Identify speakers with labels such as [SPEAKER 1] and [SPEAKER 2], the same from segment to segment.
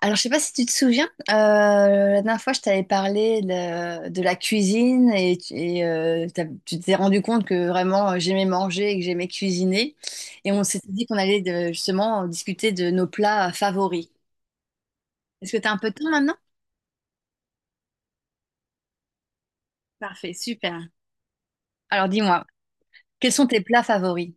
[SPEAKER 1] Alors, je sais pas si tu te souviens, la dernière fois, je t'avais parlé de la cuisine et tu t'es rendu compte que vraiment j'aimais manger et que j'aimais cuisiner. Et on s'était dit qu'on allait justement discuter de nos plats favoris. Est-ce que tu as un peu de temps maintenant? Parfait, super. Alors, dis-moi, quels sont tes plats favoris?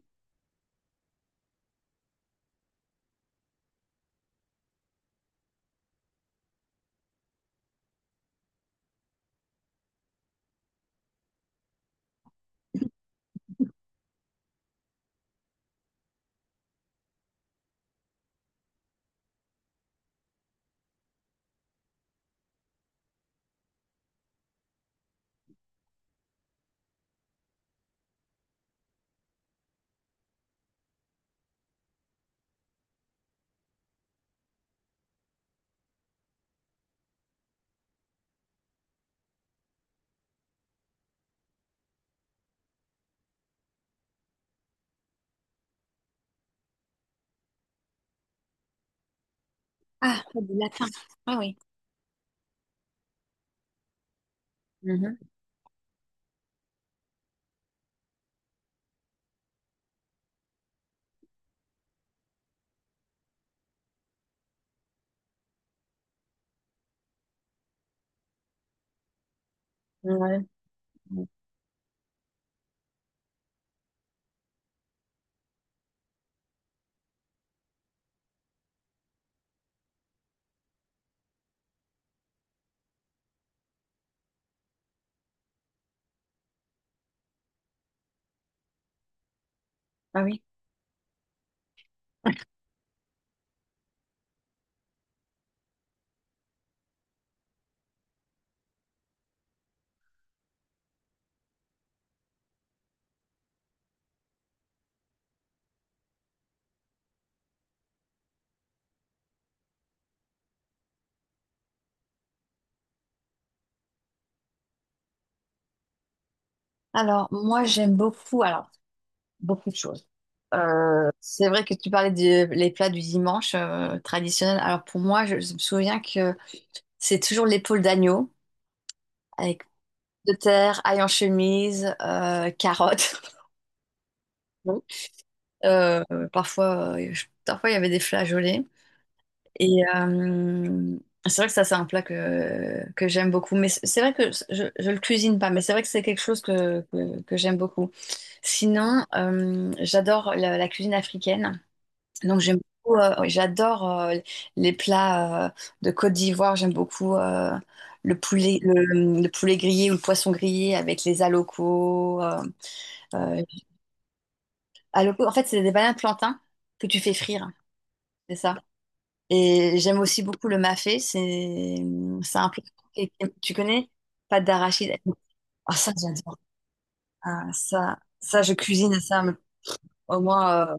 [SPEAKER 1] Ah, du latin. Ah oui. Mhm. Ouais. Ah oui. Alors, moi, j'aime beaucoup, alors, beaucoup de choses. C'est vrai que tu parlais des les plats du dimanche traditionnels. Alors pour moi, je me souviens que c'est toujours l'épaule d'agneau avec de terre, ail en chemise, carottes. Bon. Euh, parfois, parfois il y avait des flageolets. Et c'est vrai que ça, c'est un plat que j'aime beaucoup. Mais c'est vrai que je le cuisine pas, mais c'est vrai que c'est quelque chose que j'aime beaucoup. Sinon, j'adore la cuisine africaine. Donc j'aime beaucoup, j'adore les plats de Côte d'Ivoire. J'aime beaucoup le poulet, le poulet grillé ou le poisson grillé avec les alocos. Euh, alocos, en fait, c'est des bananes plantains que tu fais frire, c'est ça. Et j'aime aussi beaucoup le mafé. C'est un plat tu connais? Pâte d'arachide. Ah ça j'adore. Ah, ça je cuisine ça mais au moins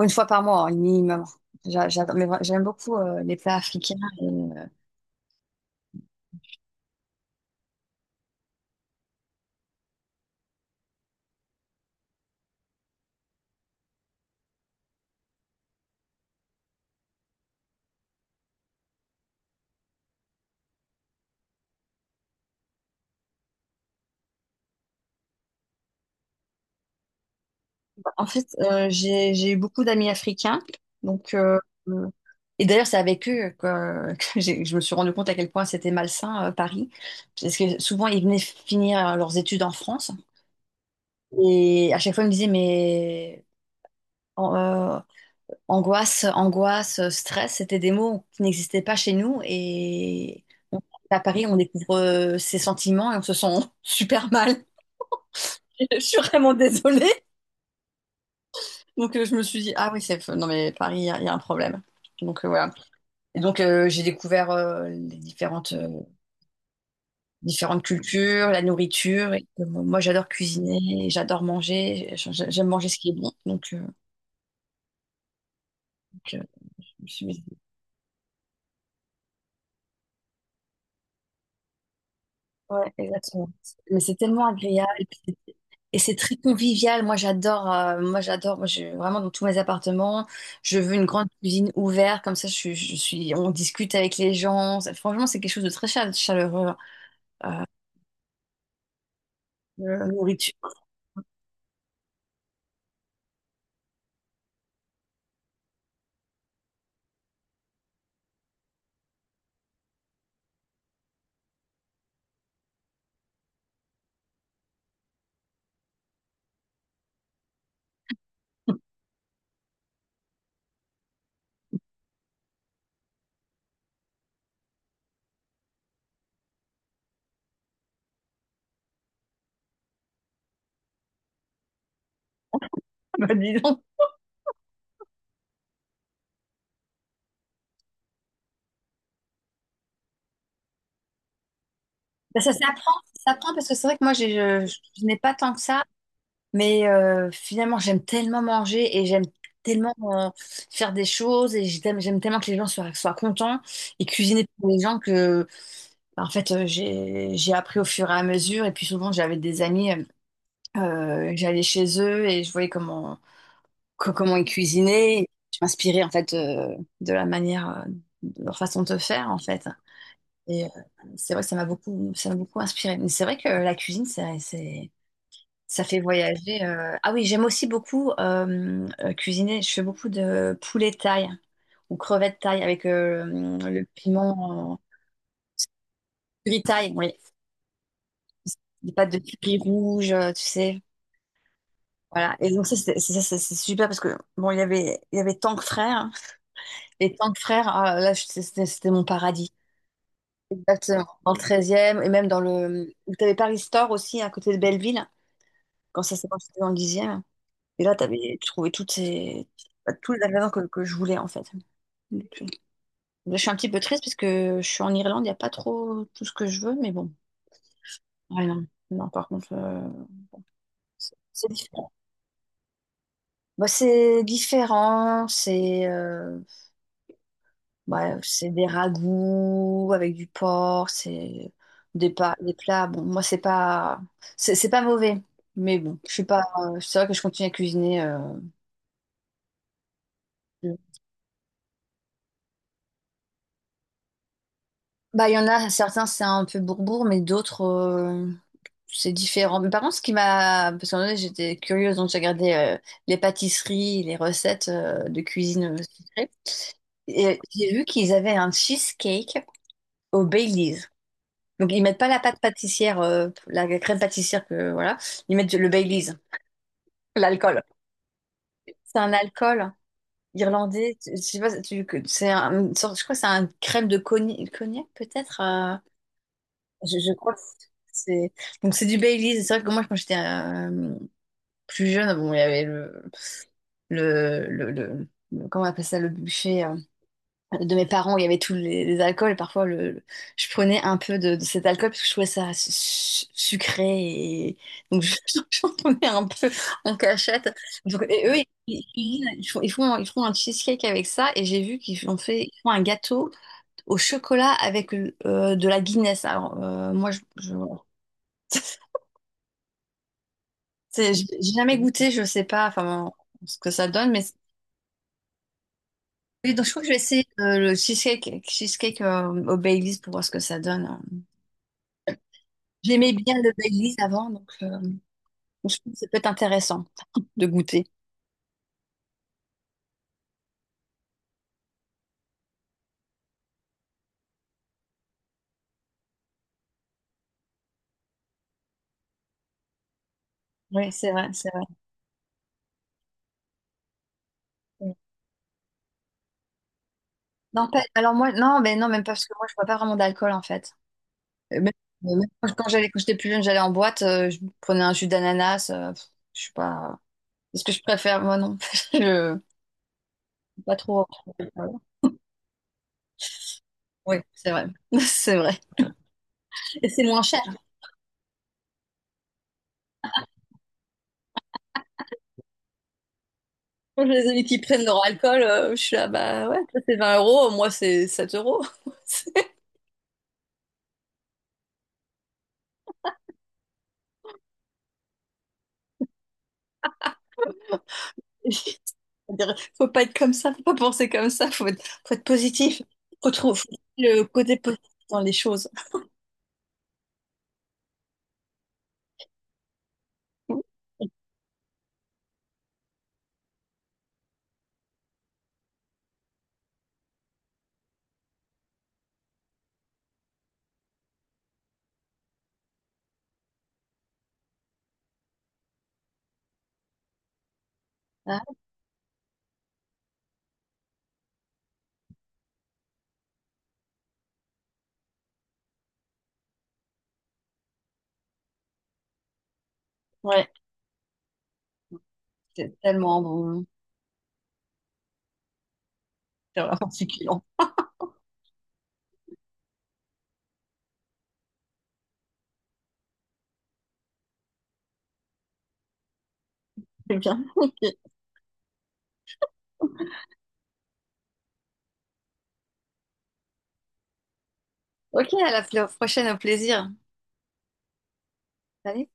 [SPEAKER 1] une fois par mois hein, minimum. J'aime beaucoup les plats africains. En fait, j'ai eu beaucoup d'amis africains, donc euh, et d'ailleurs c'est avec eux que que je me suis rendu compte à quel point c'était malsain Paris, parce que souvent ils venaient finir leurs études en France et à chaque fois ils me disaient mais an- euh, angoisse, angoisse, stress, c'était des mots qui n'existaient pas chez nous et on- à Paris on découvre ces sentiments et on se sent super mal. Je suis vraiment désolée. Donc je me suis dit, ah oui, c'est... Non mais Paris, il y a un problème. Donc voilà. Et donc j'ai découvert les différentes cultures, la nourriture. Et, que moi, j'adore cuisiner, j'adore manger, j'aime manger ce qui est bon. Donc, donc, euh, je me suis dit, ouais, exactement. Mais c'est tellement agréable et puis c'est très convivial. Moi j'adore, moi, j'ai vraiment dans tous mes appartements, je veux une grande cuisine ouverte, comme ça je suis, on discute avec les gens. Franchement, c'est quelque chose de très chaleureux, hein, la nourriture. Bah, dis donc. Ben, ça s'apprend parce que c'est vrai que moi, je n'ai pas tant que ça, mais finalement, j'aime tellement manger et j'aime tellement faire des choses et j'aime tellement que les gens soient contents et cuisiner pour les gens ben, en fait, j'ai appris au fur et à mesure. Et puis souvent, j'avais des amis, j'allais chez eux et je voyais comment ils cuisinaient. Je m'inspirais, en fait, de la manière, de leur façon de faire, en fait. Et c'est vrai que ça m'a beaucoup inspiré. Mais c'est vrai que la cuisine, ça fait voyager. Ah oui, j'aime aussi beaucoup cuisiner. Je fais beaucoup de poulet thaï ou crevettes thaï avec le piment curry thaï, oui. Des pâtes de curry rouge, tu sais. Voilà. Et donc ça, c'est super parce que bon, il y avait Tank Frère, hein. Et Tank Frère, ah, là, c'était mon paradis. Exactement. Dans le treizième et même dans le... Vous avez Paris Store aussi à côté de Belleville, quand ça s'est passé dans le dixième. Et là, t'avais trouvé toutes ces... bah, tous les ingrédients que je voulais, en fait. Donc, là, je suis un petit peu triste parce que je suis en Irlande, il n'y a pas trop tout ce que je veux, mais bon. Ouais, non. Non, par contre, c'est différent. Bah, c'est différent, c'est bah, c'est des ragoûts avec du porc, c'est des plats. Bon, moi, c'est pas... C'est pas mauvais, mais bon, je suis pas... C'est vrai que je continue à cuisiner. Bah, il y en a certains, c'est un peu bourbourg, mais d'autres, c'est différent. Mais par contre, ce qui m'a. Parce qu'en vrai, j'étais curieuse, donc j'ai regardé les pâtisseries, les recettes de cuisine sucrée. Et j'ai vu qu'ils avaient un cheesecake au Baileys. Donc, ils mettent pas la pâte pâtissière, la crème pâtissière, que, voilà. Ils mettent le Baileys, l'alcool. C'est un alcool irlandais. Je sais pas, c'est une sorte- je crois que c'est un crème de cognac, cognac peut-être. Je crois que c'est... Donc c'est du Baileys. C'est vrai que moi, quand j'étais plus jeune, bon, il y avait le... comment on appelle ça, le buffet de mes parents, où il y avait tous les alcools. Et parfois, je prenais un peu de cet alcool parce que je trouvais ça sucré. Et... Donc je- j'en prenais un peu en cachette. Donc, et eux, ils font un cheesecake avec ça. Et j'ai vu ils font un gâteau au chocolat avec de la Guinness. Alors moi, voilà. J'ai jamais goûté, je sais pas enfin, bon, ce que ça donne, mais oui, donc je crois que je vais essayer cheesecake au Baileys pour voir ce que ça donne, hein. J'aimais bien le Baileys avant, donc je pense que ça peut être intéressant de goûter. Oui, c'est vrai, c'est vrai. Oui. Non, alors moi, non, mais non, même pas, parce que moi, je bois pas vraiment d'alcool, en fait. Même, même quand j'allais, quand j'étais plus jeune, j'allais en boîte, je prenais un jus d'ananas, je suis pas... Est-ce que je préfère? Moi, non. Je... Pas trop. Voilà. Oui, c'est vrai. C'est vrai. Et c'est moins cher. Les amis qui prennent leur alcool, je suis là, bah ouais, toi c'est 20 euros, moi c'est 7 euros. C'est- c'est-à-dire, faut pas être comme ça, faut pas penser comme ça, faut être positif. Faut trouver le côté positif dans les choses. Ah, ouais, c'est tellement bon. C'est vraiment succulent. C'est bien. Ok, ok, à la prochaine, au plaisir. Salut.